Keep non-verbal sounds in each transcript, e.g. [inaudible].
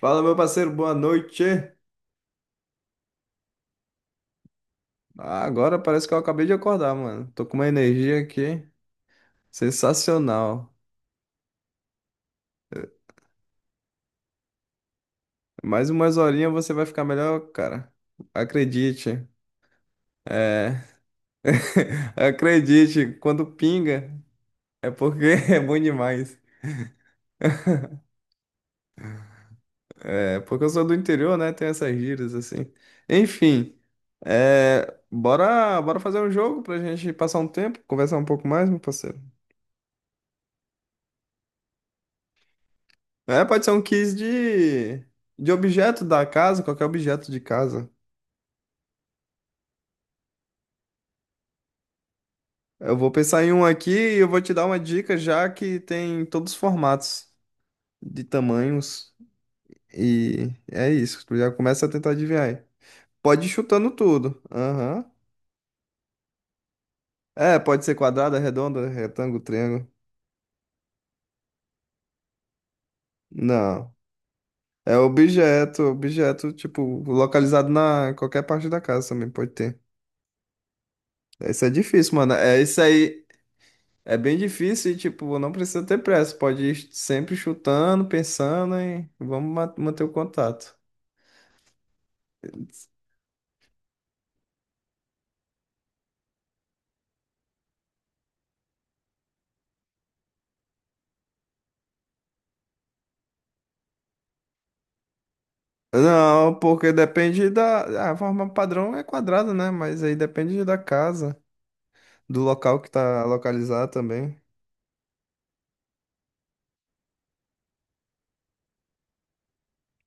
Fala, meu parceiro, boa noite. Ah, agora parece que eu acabei de acordar, mano. Tô com uma energia aqui sensacional. Mais umas horinhas você vai ficar melhor, cara. Acredite. É. [laughs] Acredite, quando pinga é porque [laughs] é bom demais. É porque eu sou do interior, né? Tem essas gírias assim. Enfim, bora, bora fazer um jogo pra gente passar um tempo, conversar um pouco mais, meu parceiro. É, pode ser um quiz de objeto da casa, qualquer objeto de casa. Eu vou pensar em um aqui e eu vou te dar uma dica já que tem todos os formatos de tamanhos. E é isso, tu já começa a tentar adivinhar aí. Pode ir chutando tudo. Aham. É, pode ser quadrada, redonda, retângulo, triângulo. Não. É objeto, objeto, tipo, localizado na em qualquer parte da casa também pode ter. Isso é difícil, mano. É isso aí. É bem difícil e, tipo, não precisa ter pressa. Pode ir sempre chutando, pensando e vamos manter o contato. Não, porque depende da... A forma padrão é quadrada, né? Mas aí depende da casa, do local que tá localizado também.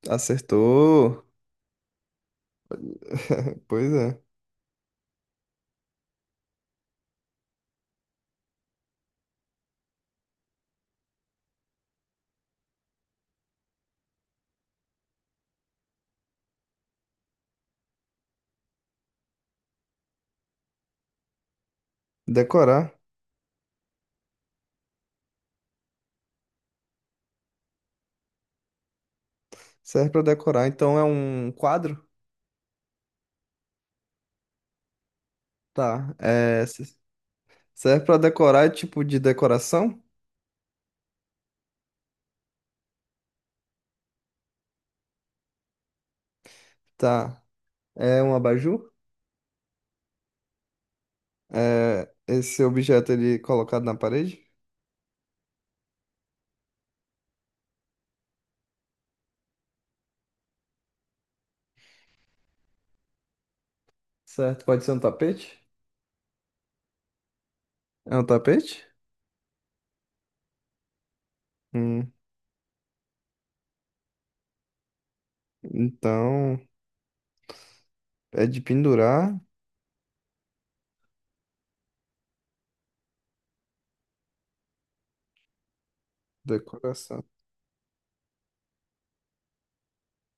Acertou. [laughs] Pois é. Decorar. Serve pra decorar. Então é um quadro? Tá. Serve pra decorar, é tipo de decoração? Tá. É um abajur? É esse objeto ele é colocado na parede? Certo, pode ser um tapete? É um tapete? Hum, então é de pendurar, decoração.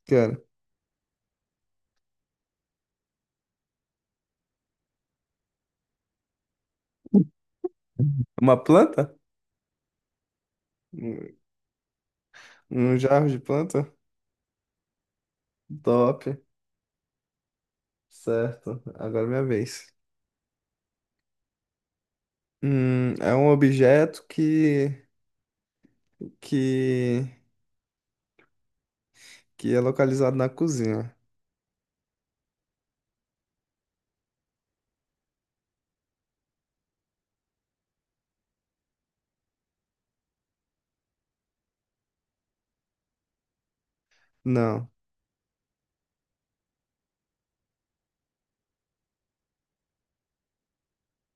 Cara, uma planta? Um um jarro de planta? Top. Certo, agora é minha vez. É um objeto que, que é localizado na cozinha. Não,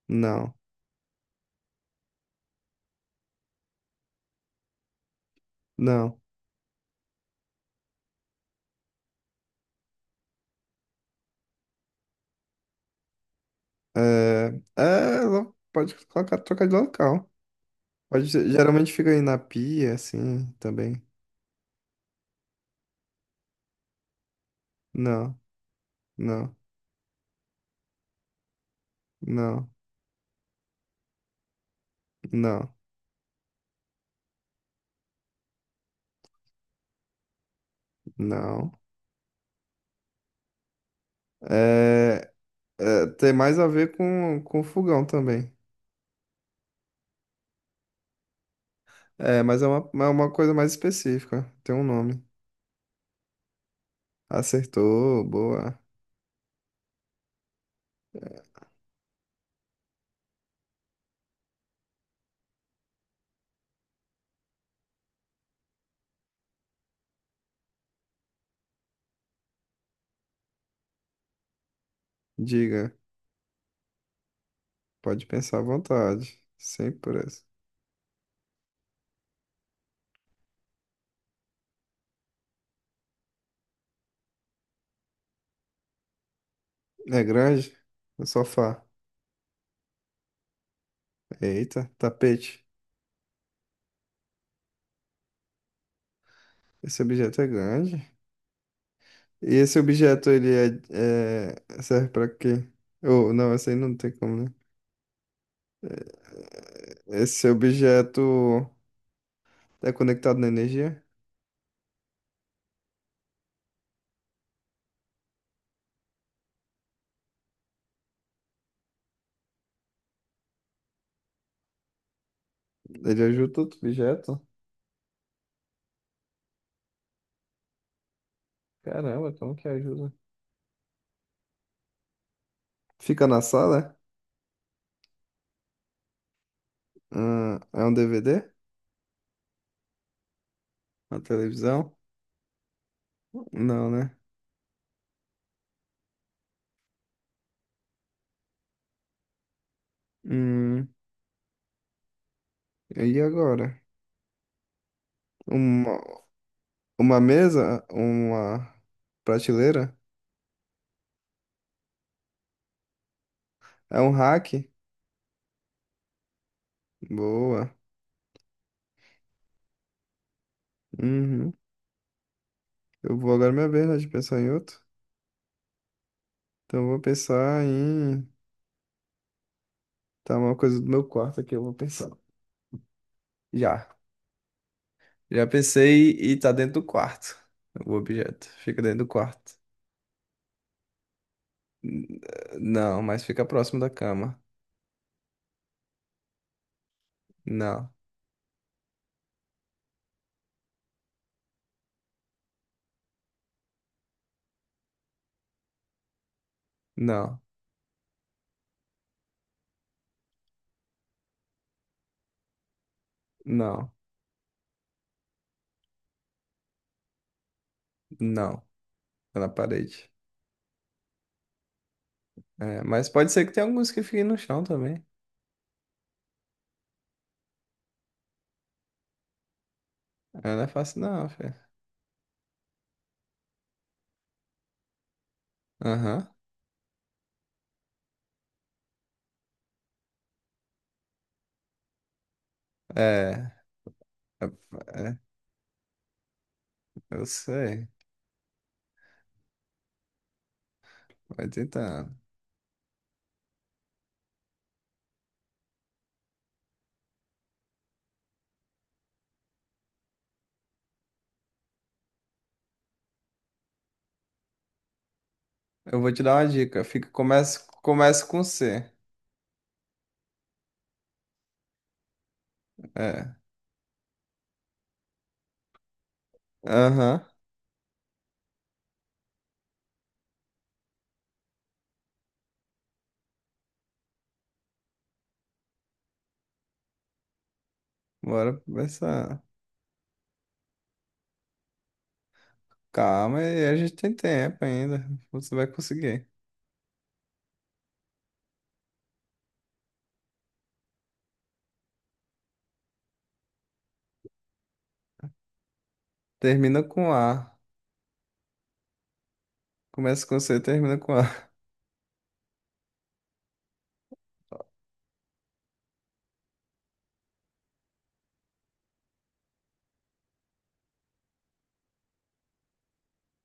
não, não. Lo- pode colocar, trocar de local. Pode, ser- geralmente fica aí na pia, assim, também. Não, não, não. Não, não. É, é, tem mais a ver com fogão também. É, mas é é uma coisa mais específica. Tem um nome. Acertou, boa. Diga, pode pensar à vontade. Sem pressa. É grande? O sofá. Eita, tapete. Esse objeto é grande. E esse objeto, ele é- serve pra quê? Oh, não, esse aí não tem como, né? Esse objeto é conectado na energia? Ele ajuda outro objeto? Caramba, como que ajuda? Fica na sala? É? Ah, é um DVD? Uma televisão? Não, né? Hum, e agora? Uma, uma mesa? Uma prateleira? É um rack? Boa. Uhum. Eu vou agora é minha vez, né, de pensar em outro. Então eu vou pensar em. Tá uma coisa do meu quarto aqui, eu vou pensar. Já. Já pensei e tá dentro do quarto. O objeto. Fica dentro do quarto. N- Não, mas fica próximo da cama. Não. Não, não, não. É na parede. É, mas pode ser que tenha alguns que fiquem no chão também. É, não é fácil não, filho. Aham. É, é, é, eu sei. Vai tentando. Eu vou te dar uma dica. Começa com C. É. Aham. Bora começar. Calma, aí, a gente tem tempo ainda. Você vai conseguir. Termina com A. Começa com C, termina com A.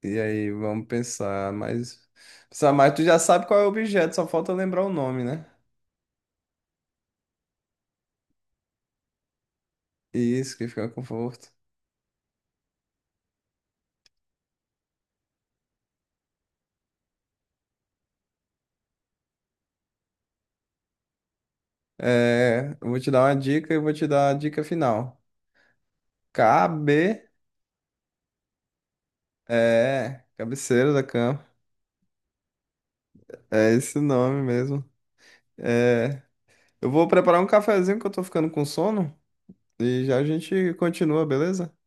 E aí, vamos pensar, mas pensar mais, tu já sabe qual é o objeto, só falta lembrar o nome, né? Isso que fica com conforto. É, eu vou te dar uma dica e vou te dar a dica final. Cabe, é, cabeceira da cama. É esse nome mesmo. É, eu vou preparar um cafezinho que eu tô ficando com sono e já a gente continua, beleza?